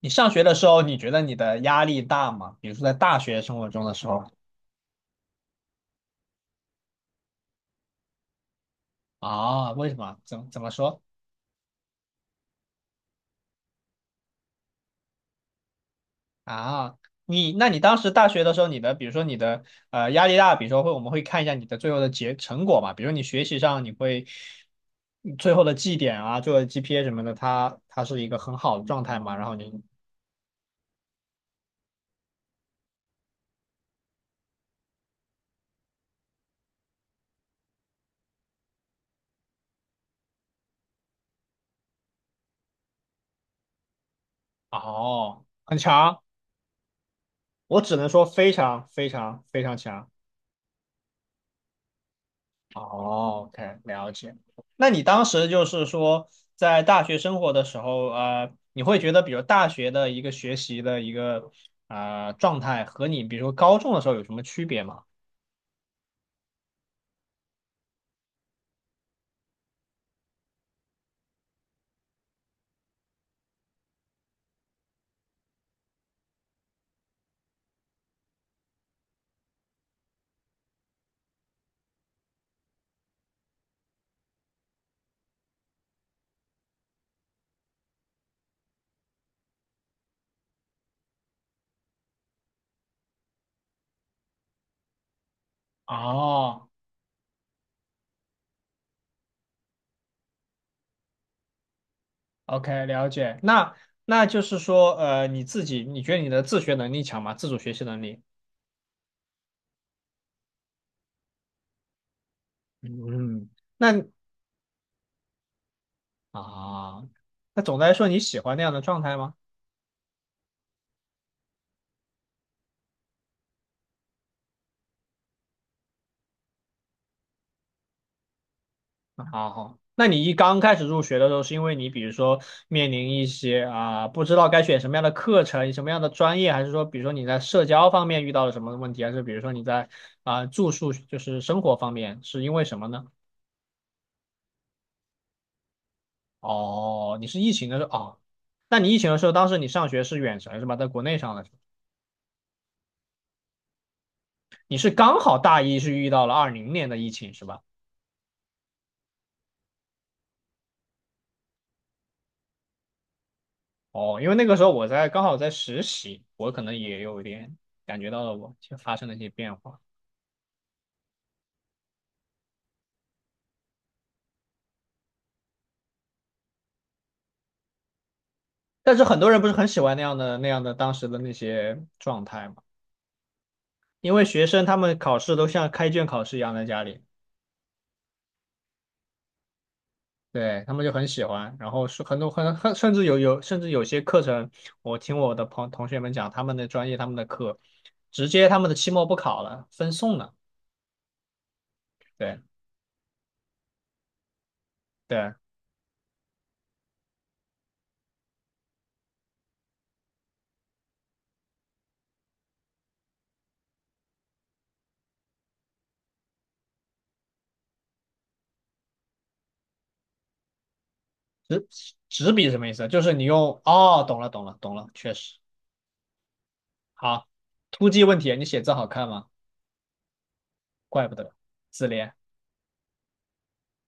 你上学的时候，你觉得你的压力大吗？比如说在大学生活中的时候。啊，为什么？怎么说啊？你那你当时大学的时候，你的比如说你的压力大，比如说我们会看一下你的最后的结成果嘛，比如你学习上你最后的绩点啊，最后的 GPA 什么的，它是一个很好的状态嘛，然后你。哦，很强，我只能说非常非常非常强。哦，OK，了解。那你当时就是说，在大学生活的时候，你会觉得，比如大学的一个学习的一个状态，和你比如说高中的时候有什么区别吗？哦，OK，了解。那就是说，你自己，你觉得你的自学能力强吗？自主学习能力？嗯。那啊，那总的来说，你喜欢那样的状态吗？好好，那你一刚开始入学的时候，是因为你比如说面临一些不知道该选什么样的课程、什么样的专业，还是说比如说你在社交方面遇到了什么问题，还是比如说你在住宿就是生活方面是因为什么呢？哦，你是疫情的时候哦，那你疫情的时候，当时你上学是远程是吧？在国内上的时候，你是刚好大一是遇到了二零年的疫情是吧？哦，因为那个时候我刚好在实习，我可能也有一点感觉到了我发生了一些变化。但是很多人不是很喜欢那样的当时的那些状态嘛，因为学生他们考试都像开卷考试一样在家里，对，他们就很喜欢。然后是很多甚至有甚至有些课程，我听我的同学们讲，他们的专业他们的课，直接他们的期末不考了，分送了。对。对，纸纸笔什么意思？就是你用。哦，懂了懂了懂了，确实好。突击问题，你写字好看吗？怪不得自恋。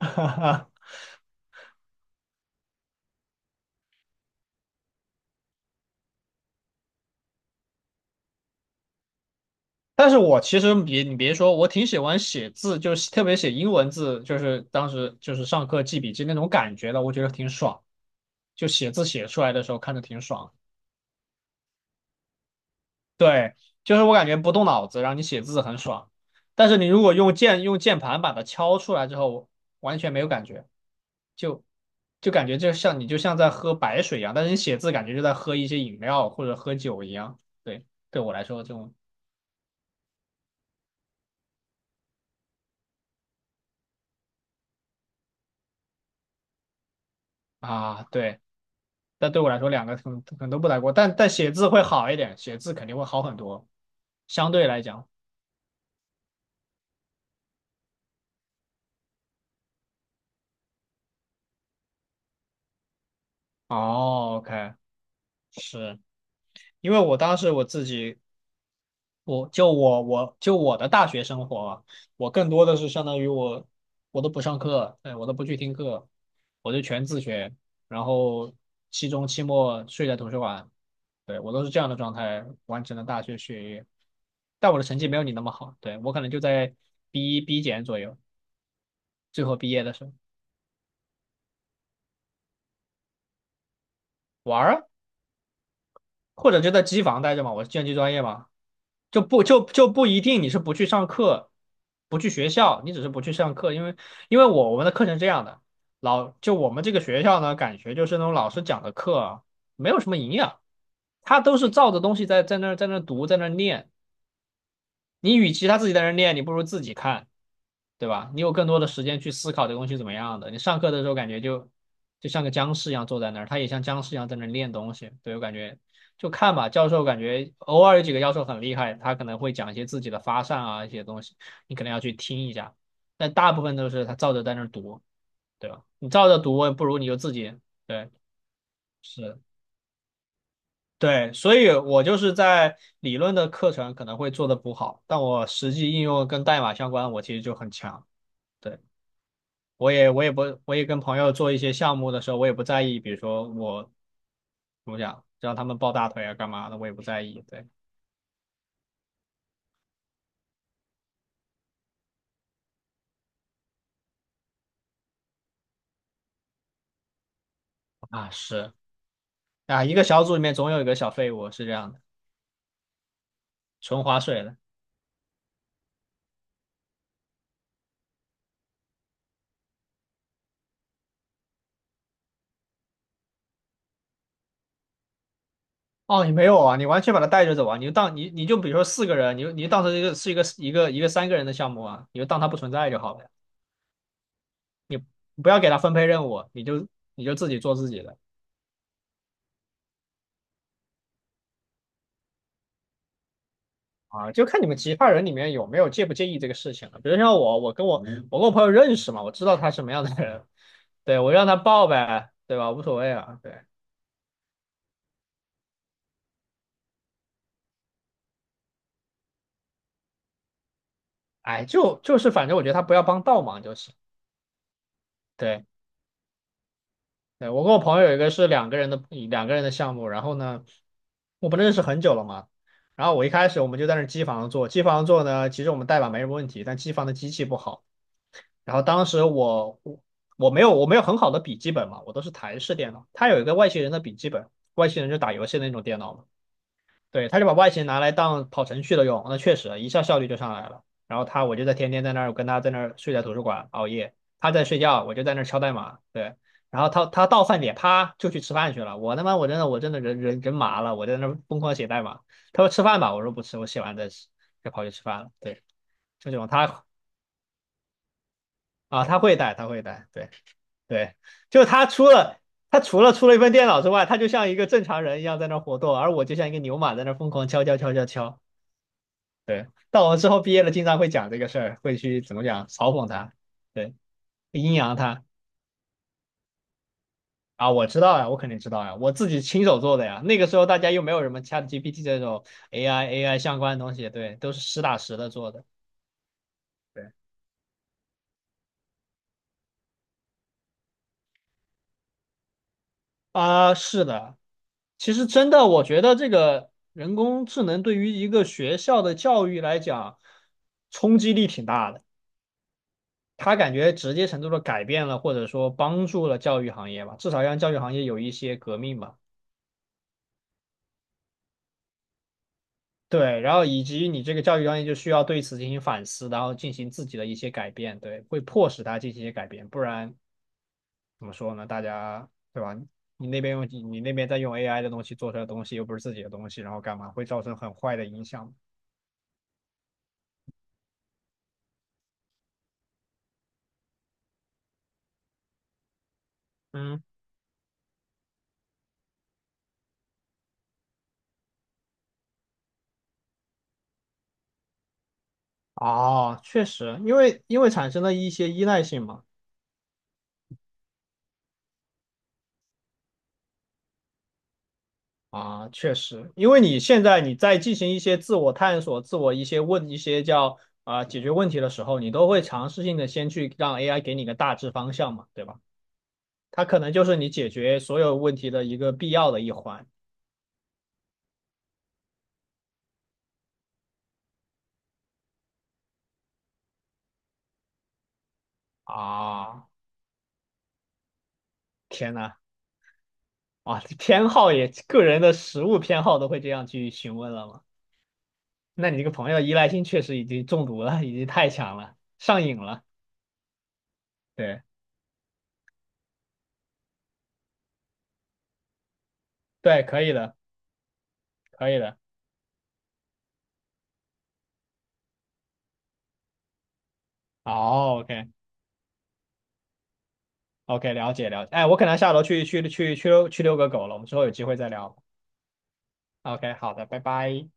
但是我其实别说，我挺喜欢写字，就是特别写英文字，就是当时就是上课记笔记那种感觉的，我觉得挺爽。就写字写出来的时候看着挺爽。对，就是我感觉不动脑子，然后你写字很爽。但是你如果用键盘把它敲出来之后，完全没有感觉，就就感觉就像在喝白水一样，但是你写字感觉就在喝一些饮料或者喝酒一样。对，对我来说这种。啊，对。但对我来说，两个可能都不太过，但写字会好一点，写字肯定会好很多，相对来讲。哦，OK，是因为我当时我自己，我的大学生活啊，我更多的是相当于我都不上课，对，我都不去听课，我就全自学，然后期中期末睡在图书馆，对，我都是这样的状态完成了大学学业，但我的成绩没有你那么好，对，我可能就在 B 一 B 减左右，最后毕业的时候。玩儿啊，或者就在机房待着嘛，我是计算机专业嘛，就不一定你是不去上课，不去学校，你只是不去上课，因为我们的课程是这样的，我们这个学校呢，感觉就是那种老师讲的课啊，没有什么营养，他都是照着东西在那儿在那儿读在那儿念，你与其他自己在那儿念，你不如自己看。对吧？你有更多的时间去思考这个东西怎么样的。你上课的时候感觉就像个僵尸一样坐在那儿，他也像僵尸一样在那儿练东西。对，我感觉就看吧，教授感觉偶尔有几个教授很厉害，他可能会讲一些自己的发散啊一些东西，你可能要去听一下。但大部分都是他照着在那儿读，对吧？你照着读，不如你就自己。对。是。对，所以我就是在理论的课程可能会做的不好，但我实际应用跟代码相关，我其实就很强。对。我也我也不我也跟朋友做一些项目的时候，我也不在意，比如说我怎么讲，让他们抱大腿啊干嘛的，我也不在意。对啊，是啊，一个小组里面总有一个小废物是这样的，纯划水的。哦，你没有啊，你完全把他带着走啊，你就当你比如说四个人，你就当成一个三个人的项目啊，你就当他不存在就好了呀，你不要给他分配任务，你就你就自己做自己的。啊，就看你们其他人里面有没有介不介意这个事情了。比如像我，我跟我嗯我跟我朋友认识嘛，我知道他什么样的人，对，我让他报呗，对吧？无所谓啊，对，哎，就是反正我觉得他不要帮倒忙就行。对。对，我跟我朋友有一个是两个人的项目，然后呢，我们认识很久了嘛，然后我一开始我们就在那儿机房做，机房做呢，其实我们代码没什么问题，但机房的机器不好，然后当时我没有很好的笔记本嘛，我都是台式电脑，他有一个外星人的笔记本，外星人就打游戏的那种电脑嘛。对，他就把外形拿来当跑程序的用，那确实一下效率就上来了。然后他，我就在天天在那儿跟他在那儿睡在图书馆熬夜，他在睡觉，我就在那儿敲代码。对，然后他到饭点，啪就去吃饭去了。我他妈我真的人麻了，我在那儿疯狂写代码。他说吃饭吧，我说不吃，我写完再吃，就跑去吃饭了。对，就这种他。啊，他会带，他会带，对。对，就他除了。他除了出了一份电脑之外，他就像一个正常人一样在那活动，而我就像一个牛马在那疯狂敲敲敲敲敲。对，到我们之后毕业了，经常会讲这个事儿，会去怎么讲嘲讽他，对，阴阳他。啊，我知道呀，我肯定知道呀，我自己亲手做的呀。那个时候大家又没有什么 ChatGPT 这种 AI 相关的东西，对，都是实打实的做的。对啊，是的，其实真的，我觉得这个人工智能对于一个学校的教育来讲，冲击力挺大的。它感觉直接程度的改变了，或者说帮助了教育行业吧，至少让教育行业有一些革命吧。对，然后以及你这个教育专业就需要对此进行反思，然后进行自己的一些改变，对，会迫使他进行一些改变，不然怎么说呢？大家对吧？你那边在用 AI 的东西做出来的东西，又不是自己的东西，然后干嘛会造成很坏的影响？嗯，哦，确实，因为产生了一些依赖性嘛。啊，确实，因为你现在你在进行一些自我探索、自我一些问一些叫啊、解决问题的时候，你都会尝试性的先去让 AI 给你个大致方向嘛，对吧？它可能就是你解决所有问题的一个必要的一环。啊，天呐，啊，偏好也，个人的食物偏好都会这样去询问了吗？那你这个朋友依赖性确实已经中毒了，已经太强了，上瘾了。对。对，可以的，可以的。哦，OK OK，了解了解。哎，我可能下楼去遛个狗了，我们之后有机会再聊。OK，好的，拜拜。